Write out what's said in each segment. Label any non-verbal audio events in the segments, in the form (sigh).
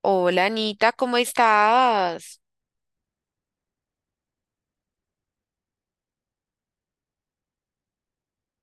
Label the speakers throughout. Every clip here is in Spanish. Speaker 1: Hola Anita, ¿cómo estás?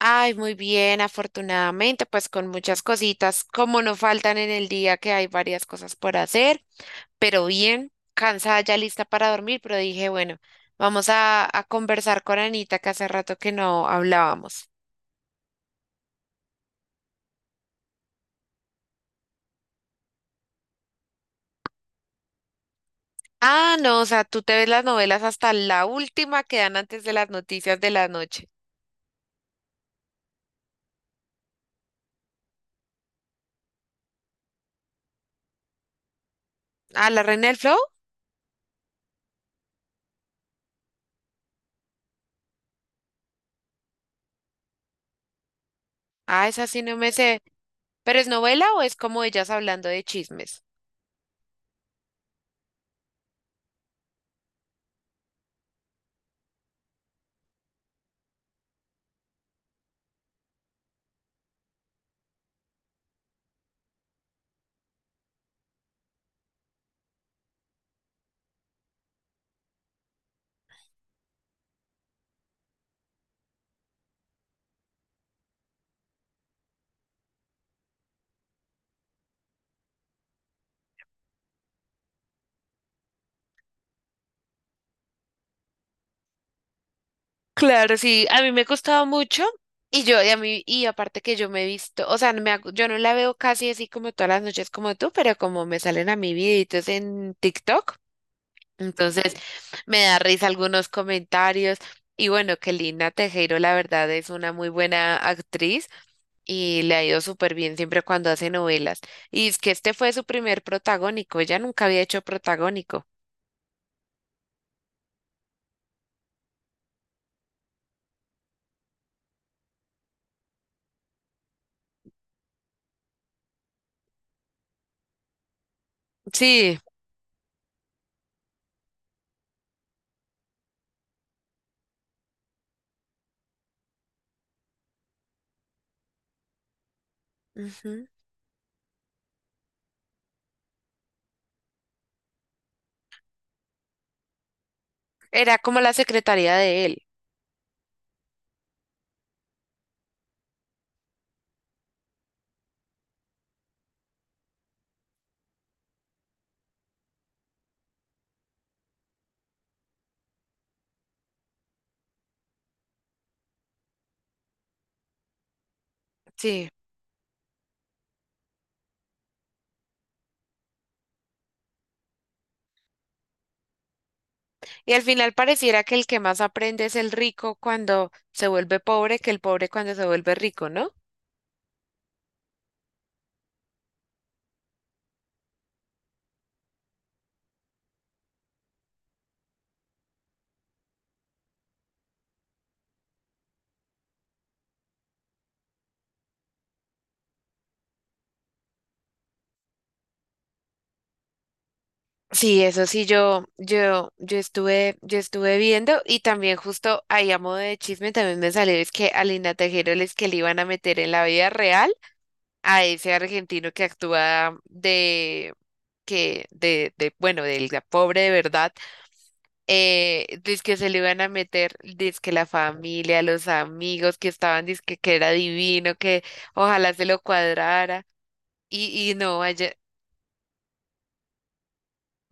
Speaker 1: Ay, muy bien, afortunadamente, pues con muchas cositas, como no faltan en el día que hay varias cosas por hacer, pero bien, cansada ya lista para dormir, pero dije, bueno, vamos a conversar con Anita que hace rato que no hablábamos. Ah, no, o sea, tú te ves las novelas hasta la última que dan antes de las noticias de la noche. Ah, La Reina del Flow. Ah, esa sí no me sé. ¿Pero es novela o es como ellas hablando de chismes? Claro, sí, a mí me costaba mucho y yo, y a mí, y aparte que yo me he visto, o sea, yo no la veo casi así como todas las noches como tú, pero como me salen a mi videitos en TikTok, entonces me da risa algunos comentarios y bueno, que Lina Tejero la verdad es una muy buena actriz y le ha ido súper bien siempre cuando hace novelas. Y es que este fue su primer protagónico, ella nunca había hecho protagónico. Sí, ujú. Era como la secretaria de él. Sí. Y al final pareciera que el que más aprende es el rico cuando se vuelve pobre que el pobre cuando se vuelve rico, ¿no? Sí, eso sí, yo estuve viendo y también justo ahí a modo de chisme también me salió es que a Lina Tejero les que le iban a meter en la vida real a ese argentino que actúa de, que, de, bueno, del pobre de verdad. Que se le iban a meter, que la familia, los amigos que estaban, dizque que era divino, que ojalá se lo cuadrara. Y no, vaya,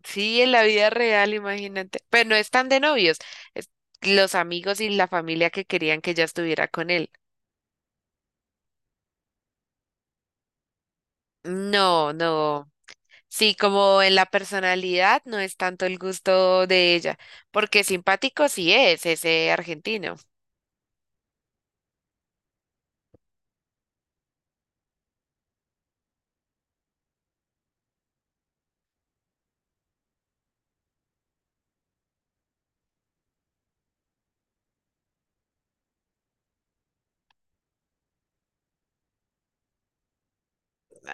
Speaker 1: sí, en la vida real, imagínate. Pero no están de novios, es los amigos y la familia que querían que ella estuviera con él. No, no. Sí, como en la personalidad no es tanto el gusto de ella, porque simpático sí es ese argentino.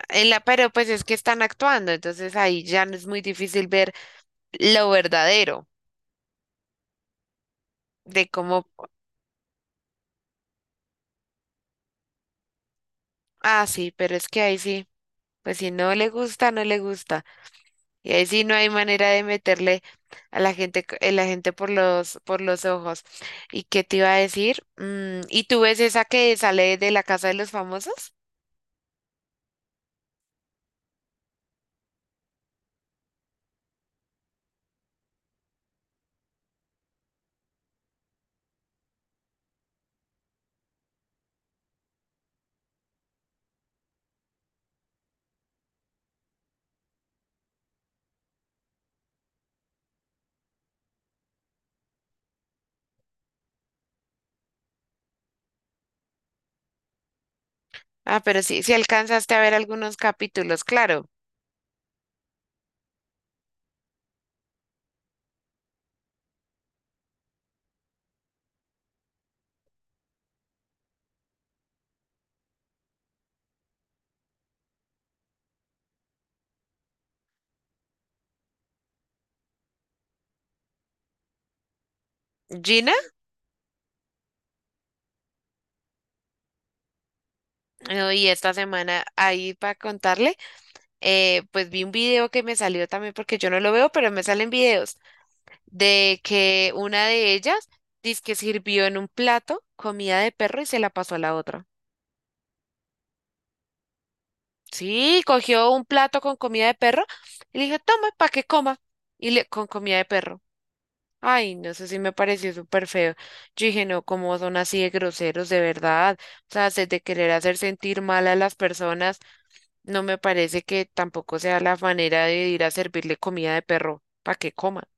Speaker 1: En la, pero pues es que están actuando, entonces ahí ya no es muy difícil ver lo verdadero, de cómo, ah, sí, pero es que ahí sí, pues si no le gusta, no le gusta. Y ahí sí no hay manera de meterle a la gente, la gente por los ojos. ¿Y qué te iba a decir? ¿Y tú ves esa que sale de la casa de los famosos? Ah, pero sí, sí alcanzaste a ver algunos capítulos, claro. Gina, y esta semana ahí para contarle, pues vi un video que me salió también porque yo no lo veo, pero me salen videos de que una de ellas que sirvió en un plato comida de perro y se la pasó a la otra. Sí, cogió un plato con comida de perro y le dijo, toma, para que coma. Y le, con comida de perro. Ay, no sé si me pareció súper feo. Yo dije, no, cómo son así de groseros, de verdad. O sea, de querer hacer sentir mal a las personas, no me parece que tampoco sea la manera de ir a servirle comida de perro para que coma.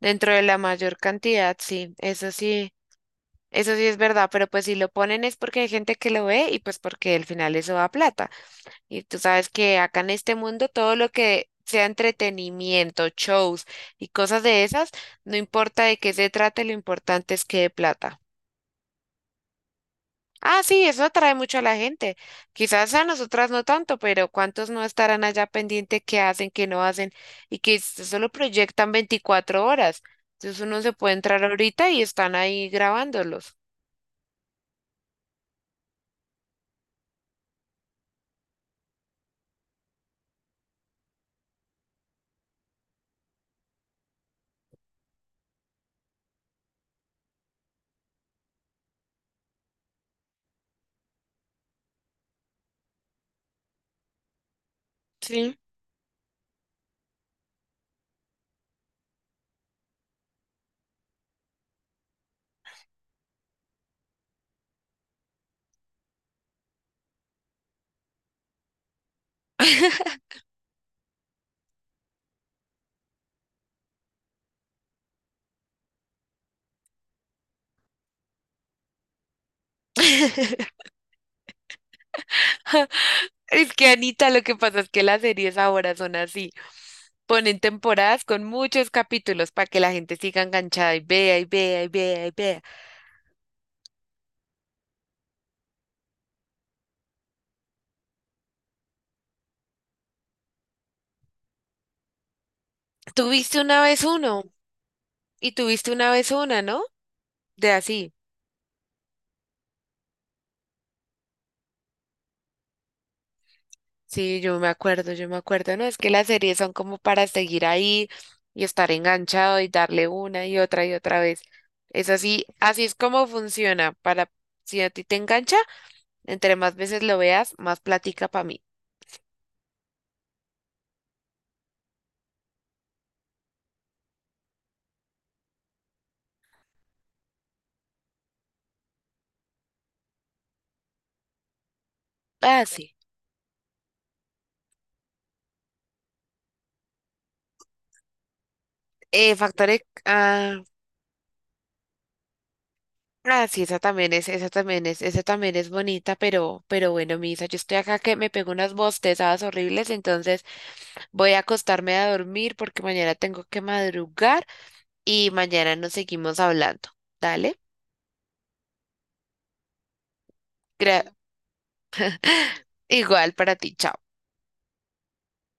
Speaker 1: Dentro de la mayor cantidad, sí, eso sí. Eso sí es verdad, pero pues si lo ponen es porque hay gente que lo ve y pues porque al final eso da plata. Y tú sabes que acá en este mundo todo lo que sea entretenimiento, shows y cosas de esas, no importa de qué se trate, lo importante es que dé plata. Ah, sí, eso atrae mucho a la gente. Quizás a nosotras no tanto, pero ¿cuántos no estarán allá pendiente qué hacen, qué no hacen y que solo proyectan 24 horas? Entonces uno se puede entrar ahorita y están ahí grabándolos. Sí. (laughs) (laughs) Es que Anita, lo que pasa es que las series ahora son así. Ponen temporadas con muchos capítulos para que la gente siga enganchada y vea y vea y vea y vea. Tuviste una vez uno y tuviste una vez una, ¿no? De así. Sí, yo me acuerdo, ¿no? Es que las series son como para seguir ahí y estar enganchado y darle una y otra vez. Es así, así es como funciona. Para si a ti te engancha, entre más veces lo veas, más plática para mí. Así. Factor X- ah, ah, sí, esa también es bonita, pero bueno, Misa, yo estoy acá que me pego unas bostezadas horribles, entonces voy a acostarme a dormir porque mañana tengo que madrugar y mañana nos seguimos hablando. Dale, Gra- (laughs) igual para ti, chao.